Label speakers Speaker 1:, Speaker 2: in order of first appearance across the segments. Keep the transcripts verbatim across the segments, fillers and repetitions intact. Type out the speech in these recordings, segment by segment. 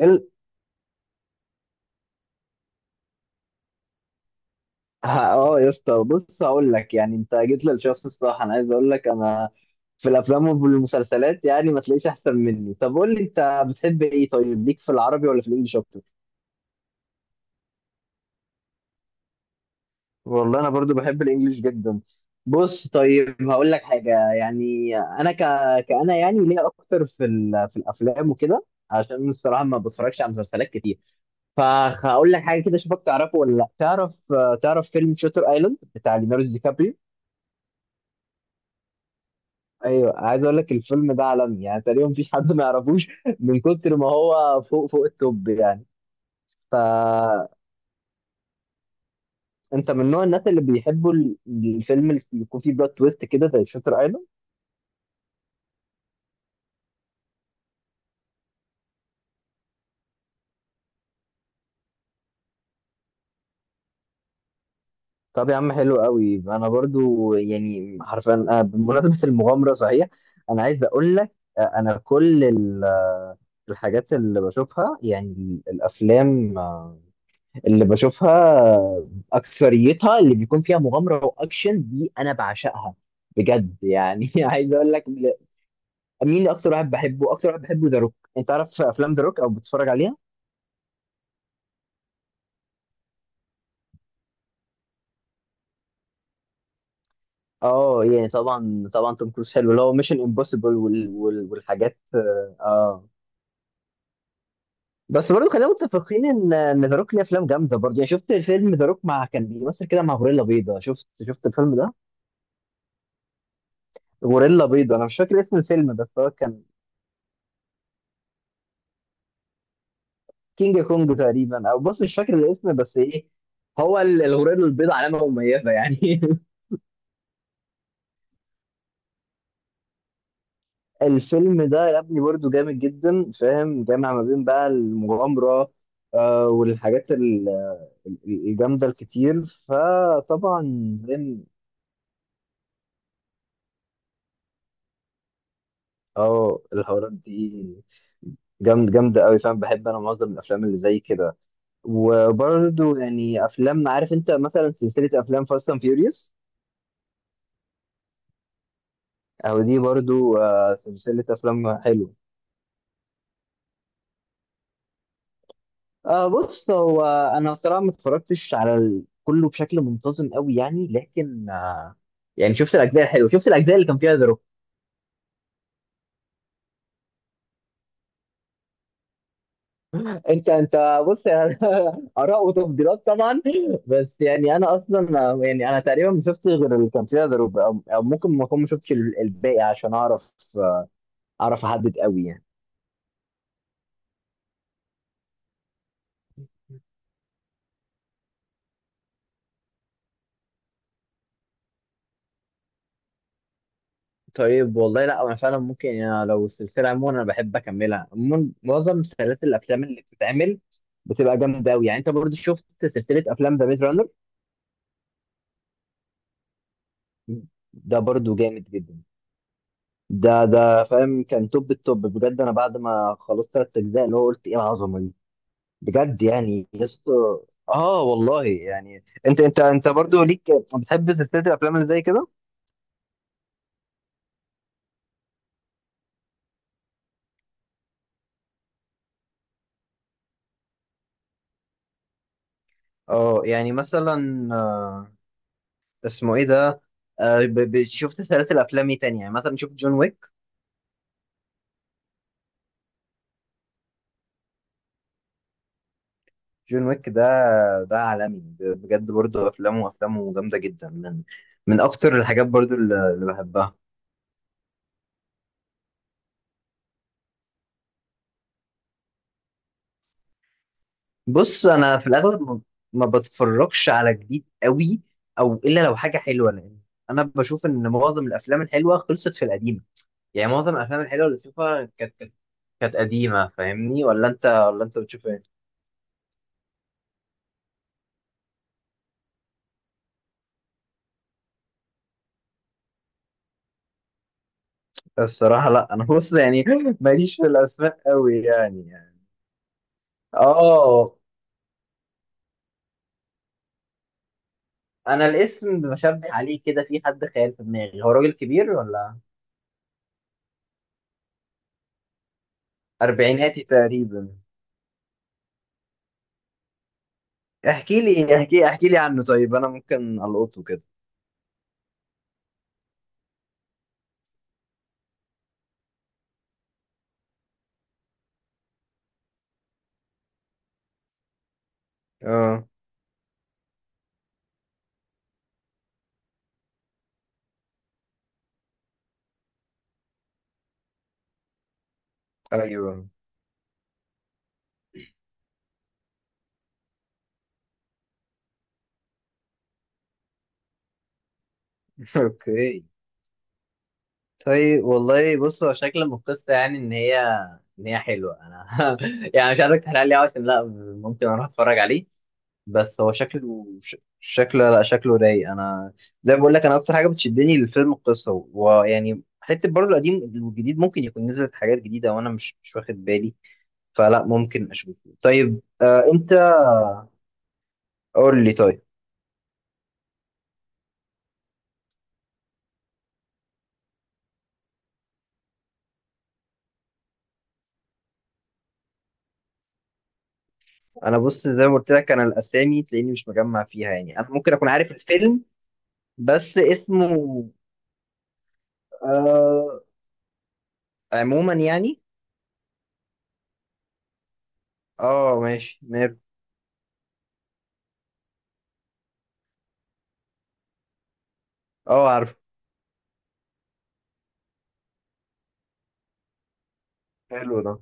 Speaker 1: ال... ها- اه يا اسطى، بص هقول لك. يعني انت جيت للشخص الصح. انا عايز اقول لك انا في الافلام والمسلسلات يعني ما تلاقيش احسن مني. طب قول لي انت بتحب ايه؟ طيب ليك في العربي ولا في الانجليش اكتر؟ والله انا برضو بحب الانجليش جدا. بص طيب هقول لك حاجه. يعني انا ك... كأنا يعني ليه اكتر في ال... في الافلام وكده، عشان الصراحه ما بتفرجش على مسلسلات كتير. فهقول لك حاجه كده اشوفك تعرفه ولا لا تعرف. تعرف فيلم شاتر ايلاند بتاع ليوناردو دي كابريو؟ ايوه، عايز اقول لك الفيلم ده عالمي، يعني تقريبا مفيش حد ما يعرفوش من كتر ما هو فوق فوق التوب يعني. فانت من نوع الناس اللي بيحبوا ال- الفيلم اللي يكون فيه بلوت تويست كده زي شاتر ايلاند؟ طب يا عم حلو قوي، انا برضو يعني حرفيا أنا بمناسبه المغامره صحيح. انا عايز اقول لك، آه، انا كل ال- الحاجات اللي بشوفها، يعني ال- الافلام آه، اللي بشوفها اكثريتها اللي بيكون فيها مغامره واكشن دي انا بعشقها بجد يعني. عايز اقول لك مين اكتر واحد بحبه، اكتر واحد بحبه ذا روك. انت عارف افلام ذا روك او بتتفرج عليها؟ اه يعني طبعا، طبعا توم كروز حلو، اللي هو ميشن امبوسيبل وال... وال... والحاجات. اه بس برضه خلينا متفقين ان ان ذا روك ليه افلام جامده برضه. يعني شفت فيلم ذا روك مع، كان بيمثل كده مع غوريلا بيضاء؟ شفت شفت الفيلم ده؟ غوريلا بيضاء، انا مش فاكر اسم الفيلم بس هو كان كينج كونج تقريبا. او بص مش فاكر الاسم بس ايه، هو ال- الغوريلا البيضاء علامه مميزه يعني. الفيلم ده يا ابني برضه جامد جدا، فاهم، جامع ما بين بقى المغامره آه والحاجات ال- ال- الجامده الكتير. فطبعا زي ما- اه الحوارات دي جامد جامده قوي، فاهم، بحب انا معظم الافلام اللي زي كده. وبرضه يعني افلام، عارف انت مثلا سلسله افلام فاست اند فيوريوس؟ او دي برضه آه، سلسله افلام حلوه. آه بص، هو انا صراحه ما اتفرجتش على ال- كله بشكل منتظم قوي، يعني لكن آه يعني شفت الاجزاء الحلوه، شفت الاجزاء اللي كان فيها ذا روك. انت انت بص يعني، اراء وتفضيلات طبعا. بس يعني انا اصلا آه، يعني انا تقريبا ما شفتش غير اللي كان فيها ذا روك، او أو ممكن ما اكون ما شفتش ال- الباقي، عشان اعرف آه، اعرف احدد قوي يعني. طيب والله لا، انا فعلا ممكن يعني لو السلسله عموما انا بحب اكملها. عموما معظم سلاسل الافلام اللي بتتعمل بتبقى جامده قوي يعني. انت برضو شفت سلسله افلام ذا ميز رانر؟ ده برضو جامد جدا. ده ده فاهم كان توب التوب بجد. انا بعد ما خلصت ثلاث اجزاء اللي هو قلت ايه العظمه دي. بجد يعني يسطا، اه والله يعني انت انت انت برضو ليك بتحب سلسله الافلام اللي زي كده. اه يعني مثلا آه اسمه ايه ده؟ آه ب- ب- شفت سلاسل افلام ايه تانية يعني؟ مثلا شفت جون ويك، جون ويك ده ده عالمي، ب- بجد برضو افلامه افلامه جامده جدا، من من اكتر الحاجات برضو اللي اللي بحبها. بص انا في الاغلب ما ما بتفرجش على جديد قوي، او الا لو حاجه حلوه، لان انا بشوف ان معظم الافلام الحلوه خلصت في القديمه. يعني معظم الافلام الحلوه اللي بشوفها كانت كانت كانت قديمه، فاهمني ولا انت ولا انت بتشوف ايه؟ الصراحه لا، انا بص يعني، ماليش في الاسماء قوي يعني. اه، انا الاسم بشبه عليه كده، في حد خيال في دماغي. هو راجل كبير ولا اربعيناتي تقريبا؟ احكي لي احكي احكي لي عنه، طيب انا ممكن القطه كده. اه، ايوه. اوكي، طيب والله بص هو شكل من القصه يعني ان هي ان هي حلوه. انا يعني مش عايزك تحرق لي أوي، عشان لا ممكن اروح اتفرج عليه. بس هو شكله ش- شكله لا شكله رايق انا. زي ما بقول لك، انا اكتر حاجه بتشدني للفيلم القصه، ويعني حته برضه القديم. والجديد ممكن يكون نزلت حاجات جديده وانا مش مش واخد بالي، فلا ممكن اشوفه. طيب آه انت قول لي طيب. انا بص زي ما قلت لك، انا الاسامي تلاقيني مش مجمع فيها، يعني انا ممكن اكون عارف الفيلم بس اسمه آه عموما يعني. اه ماشي ماله. اه عارفه. حلو ده،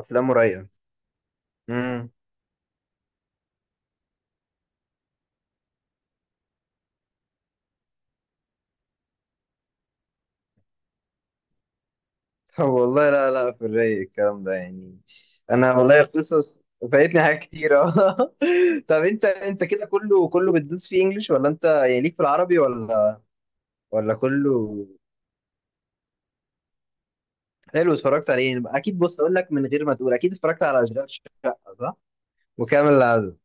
Speaker 1: افلامه رايقه. والله لا لا، في الرايق الكلام ده يعني. انا والله قصص، فايتني حاجات كتيرة. طب انت انت كده كله كله بتدوس فيه انجلش ولا انت يعني ليك في العربي ولا ولا كله؟ حلو، اتفرجت عليه يعني. اكيد بص اقول لك، من غير ما تقول اكيد اتفرجت على اشغال شقة، صح؟ وكامل العدد.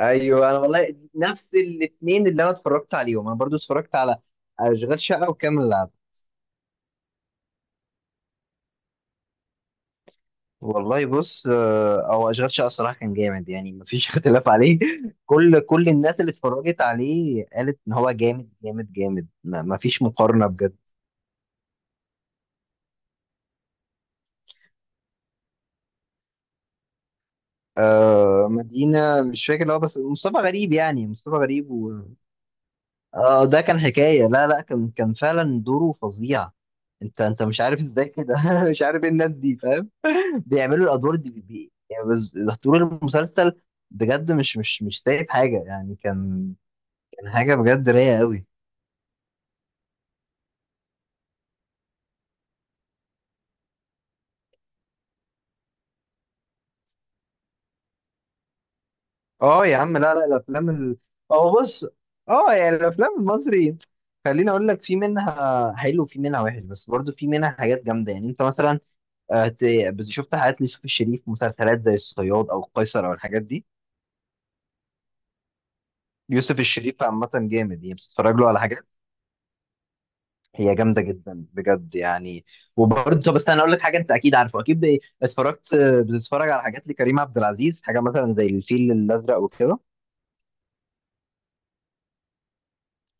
Speaker 1: ايوه، انا والله نفس الاثنين اللي انا اتفرجت عليهم. انا برضو اتفرجت على اشغال شقة وكامل العدد. والله بص، آه، هو اشغال شقه الصراحه كان جامد يعني، مفيش اختلاف عليه. كل كل الناس اللي اتفرجت عليه قالت ان هو جامد جامد جامد. ما- مفيش مقارنه بجد. آه مدينه، مش فاكر اللي هو بس مصطفى غريب، يعني مصطفى غريب و... آه ده كان حكايه، لا لا، كان كان فعلا دوره فظيع. انت انت مش عارف ازاي كده مش عارف ايه الناس دي، فاهم، بيعملوا الادوار دي بي... يعني بس طول المسلسل بجد مش مش مش سايب حاجه يعني. كان كان حاجه بجد رايقه قوي. اه يا عم، لا لا، الافلام ال... اه بص، اه يعني الافلام المصري خليني اقول لك، في منها حلو وفي منها وحش، بس برضو في منها حاجات جامده يعني. انت مثلا آه، ت- بت- شفت حاجات ليوسف الشريف؟ مسلسلات زي الصياد او القيصر او الحاجات دي. يوسف الشريف عامه جامد، يعني بتتفرج له على حاجات هي جامده جدا بجد يعني. وبرضه، بس انا اقول لك حاجه، انت اكيد عارفه، اكيد ب- اتفرجت بتتفرج على حاجات لكريم عبد العزيز، حاجه مثلا زي الفيل الازرق وكده.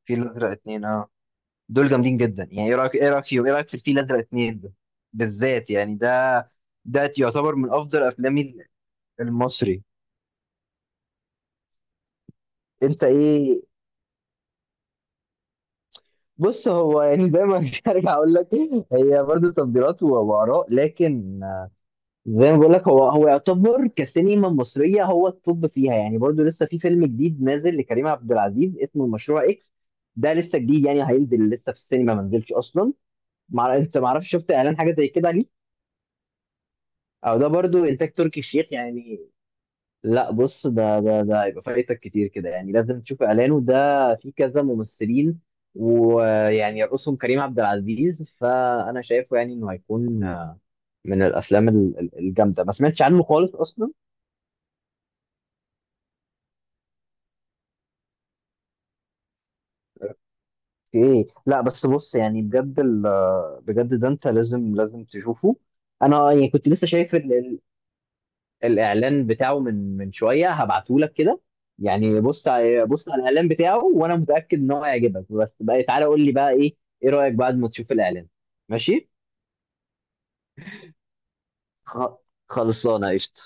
Speaker 1: الفيل الازرق اتنين اه دول جامدين جدا يعني. ايه رايك ايه رايك فيهم ايه رايك في الفيل الازرق اتنين ده بالذات يعني؟ ده ده يعتبر من افضل افلامي المصري. انت ايه؟ بص، هو يعني زي ما ارجع اقول لك، هي برضه تفضيلات و- واراء، لكن زي ما بقول لك هو هو يعتبر كسينما مصريه هو التوب فيها يعني. برضه لسه في فيلم جديد نازل لكريم عبد العزيز اسمه مشروع اكس، ده لسه جديد يعني، هينزل لسه في السينما ما نزلش اصلا. مع... انت ما اعرفش، شفت اعلان حاجه زي كده ليه؟ او ده برضو انتاج تركي الشيخ يعني. لا بص، ده ده ده هيبقى فايتك كتير كده يعني، لازم تشوف اعلانه ده. في كذا ممثلين، ويعني يرقصهم كريم عبد العزيز. فانا شايفه يعني انه هيكون من الافلام ال- ال- الجامده. ما سمعتش عنه خالص اصلا؟ في ايه؟ لا بس بص يعني بجد ال- بجد ده انت لازم لازم تشوفه. انا يعني كنت لسه شايف الاعلان بتاعه من من شويه، هبعته لك كده. يعني بص ع- بص على الاعلان بتاعه، وانا متاكد ان هو هيعجبك. بس بقى تعالى قول لي بقى ايه ايه رايك بعد ما تشوف الاعلان. ماشي؟ خ- خلصانه قشطه.